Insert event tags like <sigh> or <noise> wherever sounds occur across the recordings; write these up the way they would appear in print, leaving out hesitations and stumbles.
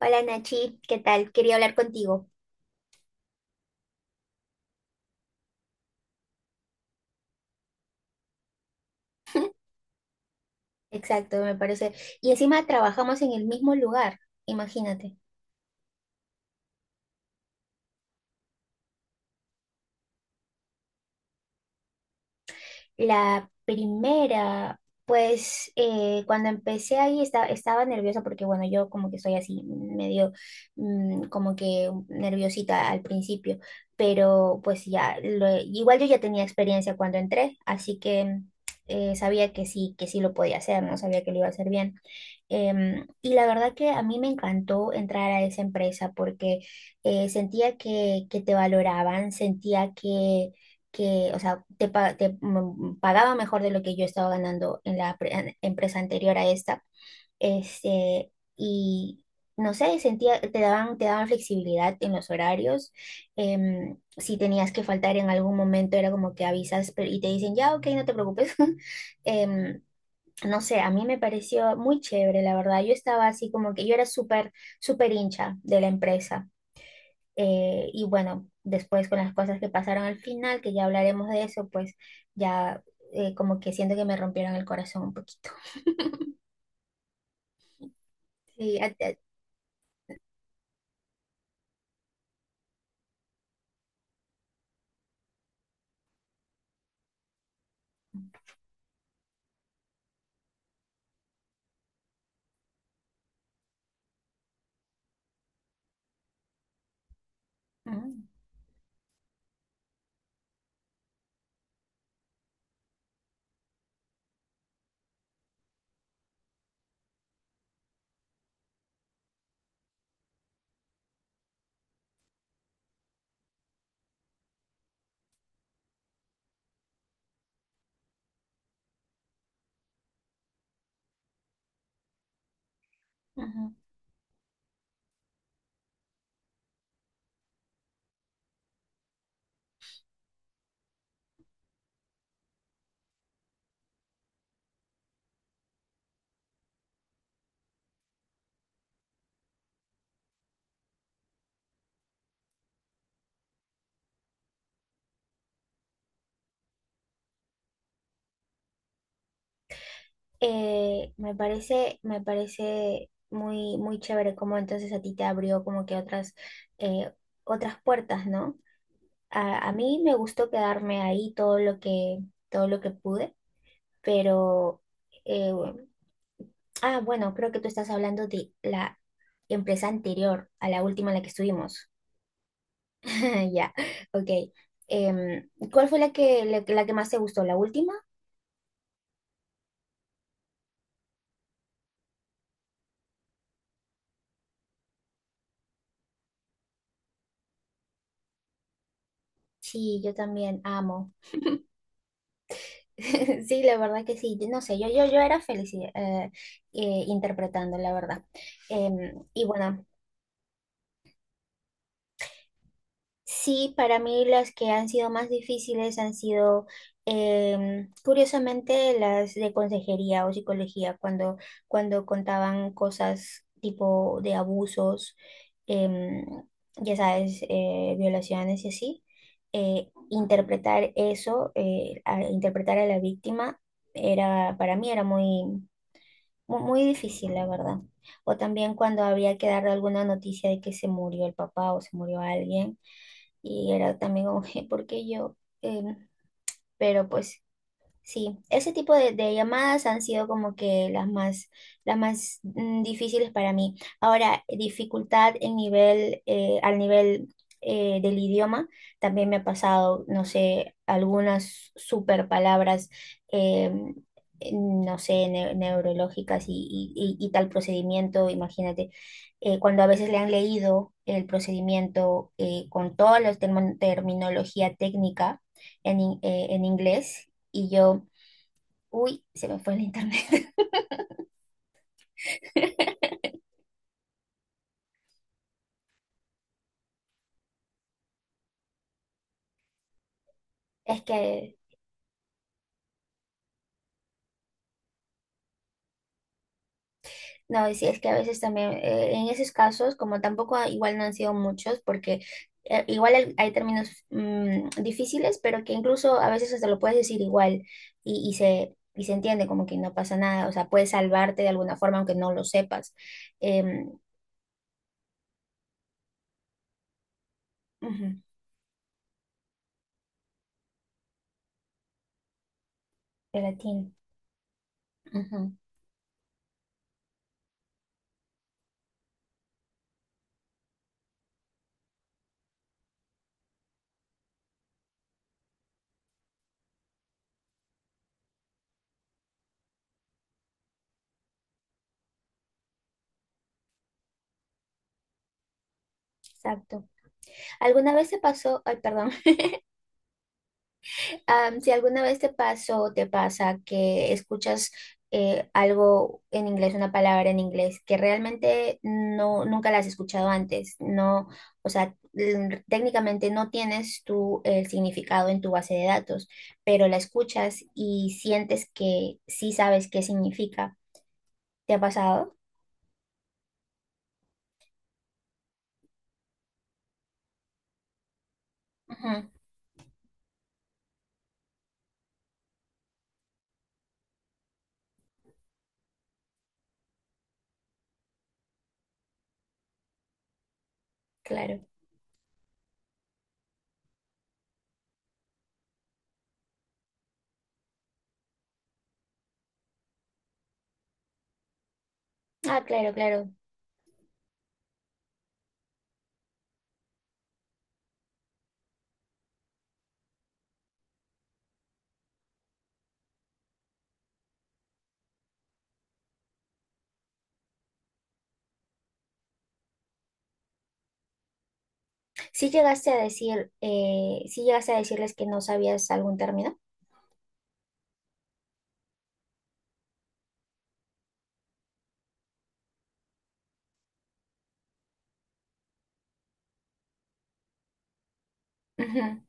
Hola Nachi, ¿qué tal? Quería hablar contigo. Exacto, me parece. Y encima trabajamos en el mismo lugar, imagínate. La primera, pues cuando empecé ahí estaba nerviosa porque, bueno, yo como que soy así, medio como que nerviosita al principio, pero pues ya, igual yo ya tenía experiencia cuando entré, así que sabía que sí lo podía hacer, no sabía que lo iba a hacer bien. Y la verdad que a mí me encantó entrar a esa empresa porque sentía que te valoraban, sentía que, o sea, te pagaba mejor de lo que yo estaba ganando en la empresa anterior a esta. Este, y no sé, sentía, te daban flexibilidad en los horarios. Si tenías que faltar en algún momento, era como que avisas y te dicen, ya, ok, no te preocupes. <laughs> Em, no sé, a mí me pareció muy chévere, la verdad. Yo estaba así como que yo era súper, súper hincha de la empresa. Y bueno, después con las cosas que pasaron al final, que ya hablaremos de eso, pues ya como que siento que me rompieron el corazón un poquito. Sí. Ujú, ujú. Me parece, muy, muy chévere cómo entonces a ti te abrió como que otras, eh, otras puertas, ¿no? A mí me gustó quedarme ahí todo lo que pude. Pero, eh, bueno, creo que tú estás hablando de la empresa anterior a la última en la que estuvimos. <laughs> Ya, ok. ¿Cuál fue la que, la que más te gustó? ¿La última? Sí, yo también amo. <laughs> Sí, la verdad que sí. No sé, yo era feliz interpretando, la verdad. Y bueno. Sí, para mí las que han sido más difíciles han sido, curiosamente, las de consejería o psicología, cuando contaban cosas tipo de abusos, em, ya sabes, violaciones y así. Interpretar eso, interpretar a la víctima, era, para mí era muy, muy difícil, la verdad. O también cuando había que dar alguna noticia de que se murió el papá o se murió alguien y era también un G porque yo, em, pero pues. Sí, ese tipo de llamadas han sido como que las más, las más difíciles para mí. Ahora, dificultad al nivel del idioma, también me ha pasado, no sé, algunas super palabras, eh, no sé, neurológicas y tal procedimiento, imagínate, cuando a veces le han leído el procedimiento con toda la terminología técnica en inglés y yo, uy, se me fue el internet. <laughs> Es que, no, sí, es que a veces también, en esos casos, como tampoco igual no han sido muchos, porque igual hay términos difíciles, pero que incluso a veces hasta lo puedes decir igual Y se entiende como que no pasa nada, o sea, puedes salvarte de alguna forma aunque no lo sepas. Em, Ujú, gelatina, ujú, exacto. ¿Alguna vez te pasó? Ay, perdón. Si alguna vez te pasó o te pasa que escuchas algo en inglés, una palabra en inglés que realmente no, nunca la has escuchado antes, no, o sea, técnicamente no tienes tú el significado en tu base de datos, pero la escuchas y sientes que sí sabes qué significa. ¿Te ha pasado? Ujú, claro. Ah, claro, claro. ¿Sí llegaste a decirles que no sabías algún término? Ujú.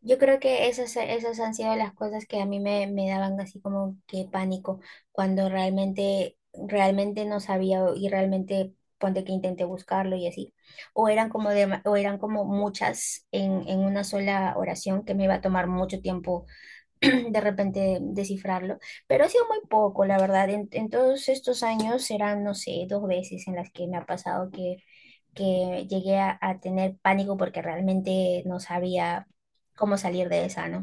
Yo creo que esas, esas han sido las cosas que a mí me daban así como que pánico cuando realmente, realmente no sabía y realmente ponte que intenté buscarlo y así. O eran como muchas en una sola oración que me iba a tomar mucho tiempo <clears throat> de repente descifrarlo, pero ha sido muy poco, la verdad. En todos estos años serán, no sé, dos veces en las que me ha pasado que llegué a tener pánico porque realmente no sabía cómo salir de esa, ¿no?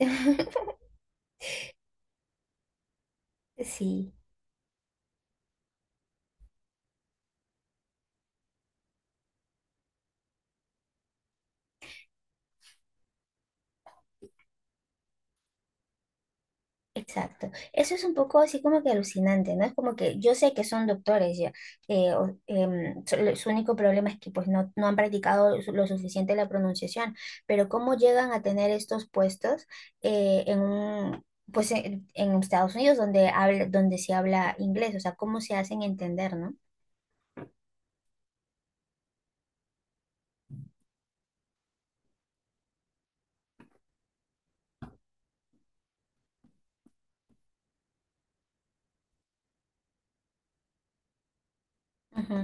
<laughs> Sí. Exacto. Eso es un poco así como que alucinante, ¿no? Es como que yo sé que son doctores ya, su único problema es que pues no, no han practicado lo suficiente la pronunciación, pero cómo llegan a tener estos puestos eh, en un, pues en Estados Unidos donde se habla inglés, o sea, cómo se hacen entender, ¿no? Ujú.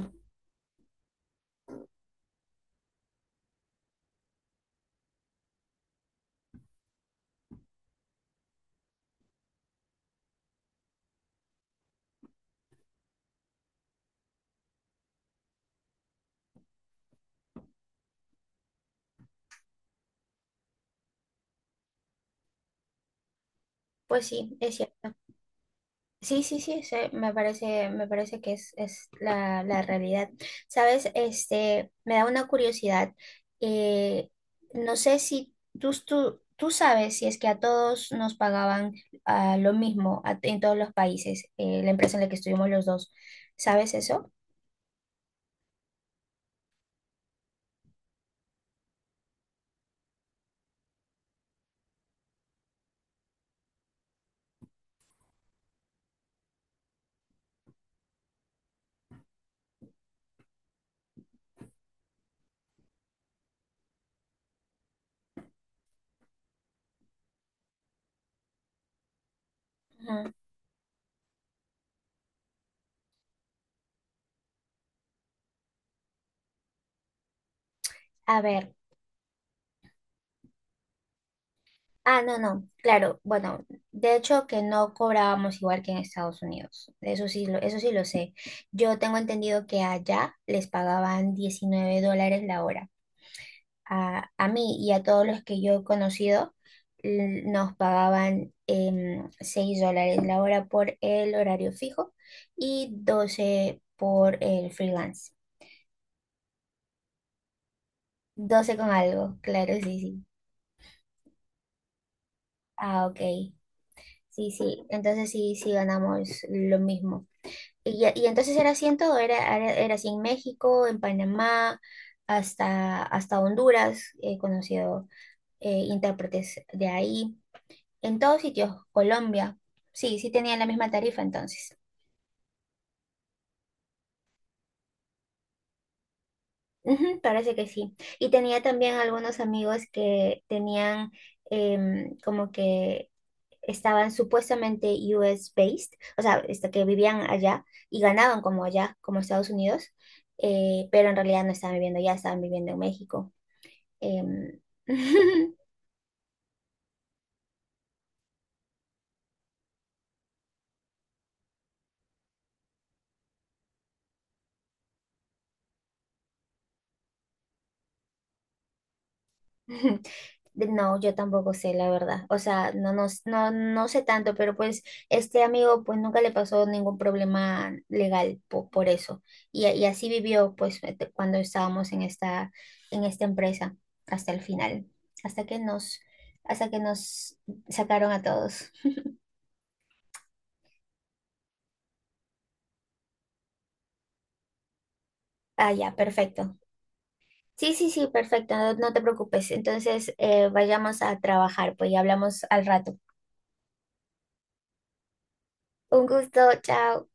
Pues sí, es cierto. Sí, sí, sí, sí, me parece que es la realidad. Sabes, este, me da una curiosidad. eh, no sé si tú sabes si es que a todos nos pagaban lo mismo en todos los países, la empresa en la que estuvimos los dos. ¿Sabes eso? Ujú. A ver. Ah, no, no, claro, bueno, de hecho que no cobrábamos igual que en Estados Unidos, eso sí lo sé. Yo tengo entendido que allá les pagaban $19 la hora. A mí y a todos los que yo he conocido nos pagaban 6 dólares la hora por el horario fijo y 12 por el freelance. 12 con algo, claro, sí, sí. Ah, ok. Sí, sí, entonces sí, sí ganamos lo mismo. Y entonces era así en todo, era así en México, en Panamá, hasta Honduras, he conocido intérpretes de ahí, en todos sitios, Colombia, sí, sí tenían la misma tarifa entonces. Ujú, parece que sí. Y tenía también algunos amigos que tenían como que estaban supuestamente US based, o sea, este, que vivían allá y ganaban como allá, como Estados Unidos, pero en realidad no estaban viviendo allá, estaban viviendo en México. Em, <laughs> No, yo tampoco sé, la verdad. O sea, no, no, no, no sé tanto, pero pues este amigo pues nunca le pasó ningún problema legal por eso. Y así vivió pues este, cuando estábamos en esta empresa hasta el final, hasta que nos, hasta que nos sacaron a todos. Ah, ya, perfecto. Sí, sí, sí, perfecto, no, no te preocupes. Entonces, vayamos a trabajar, pues y hablamos al rato. Un gusto, chao.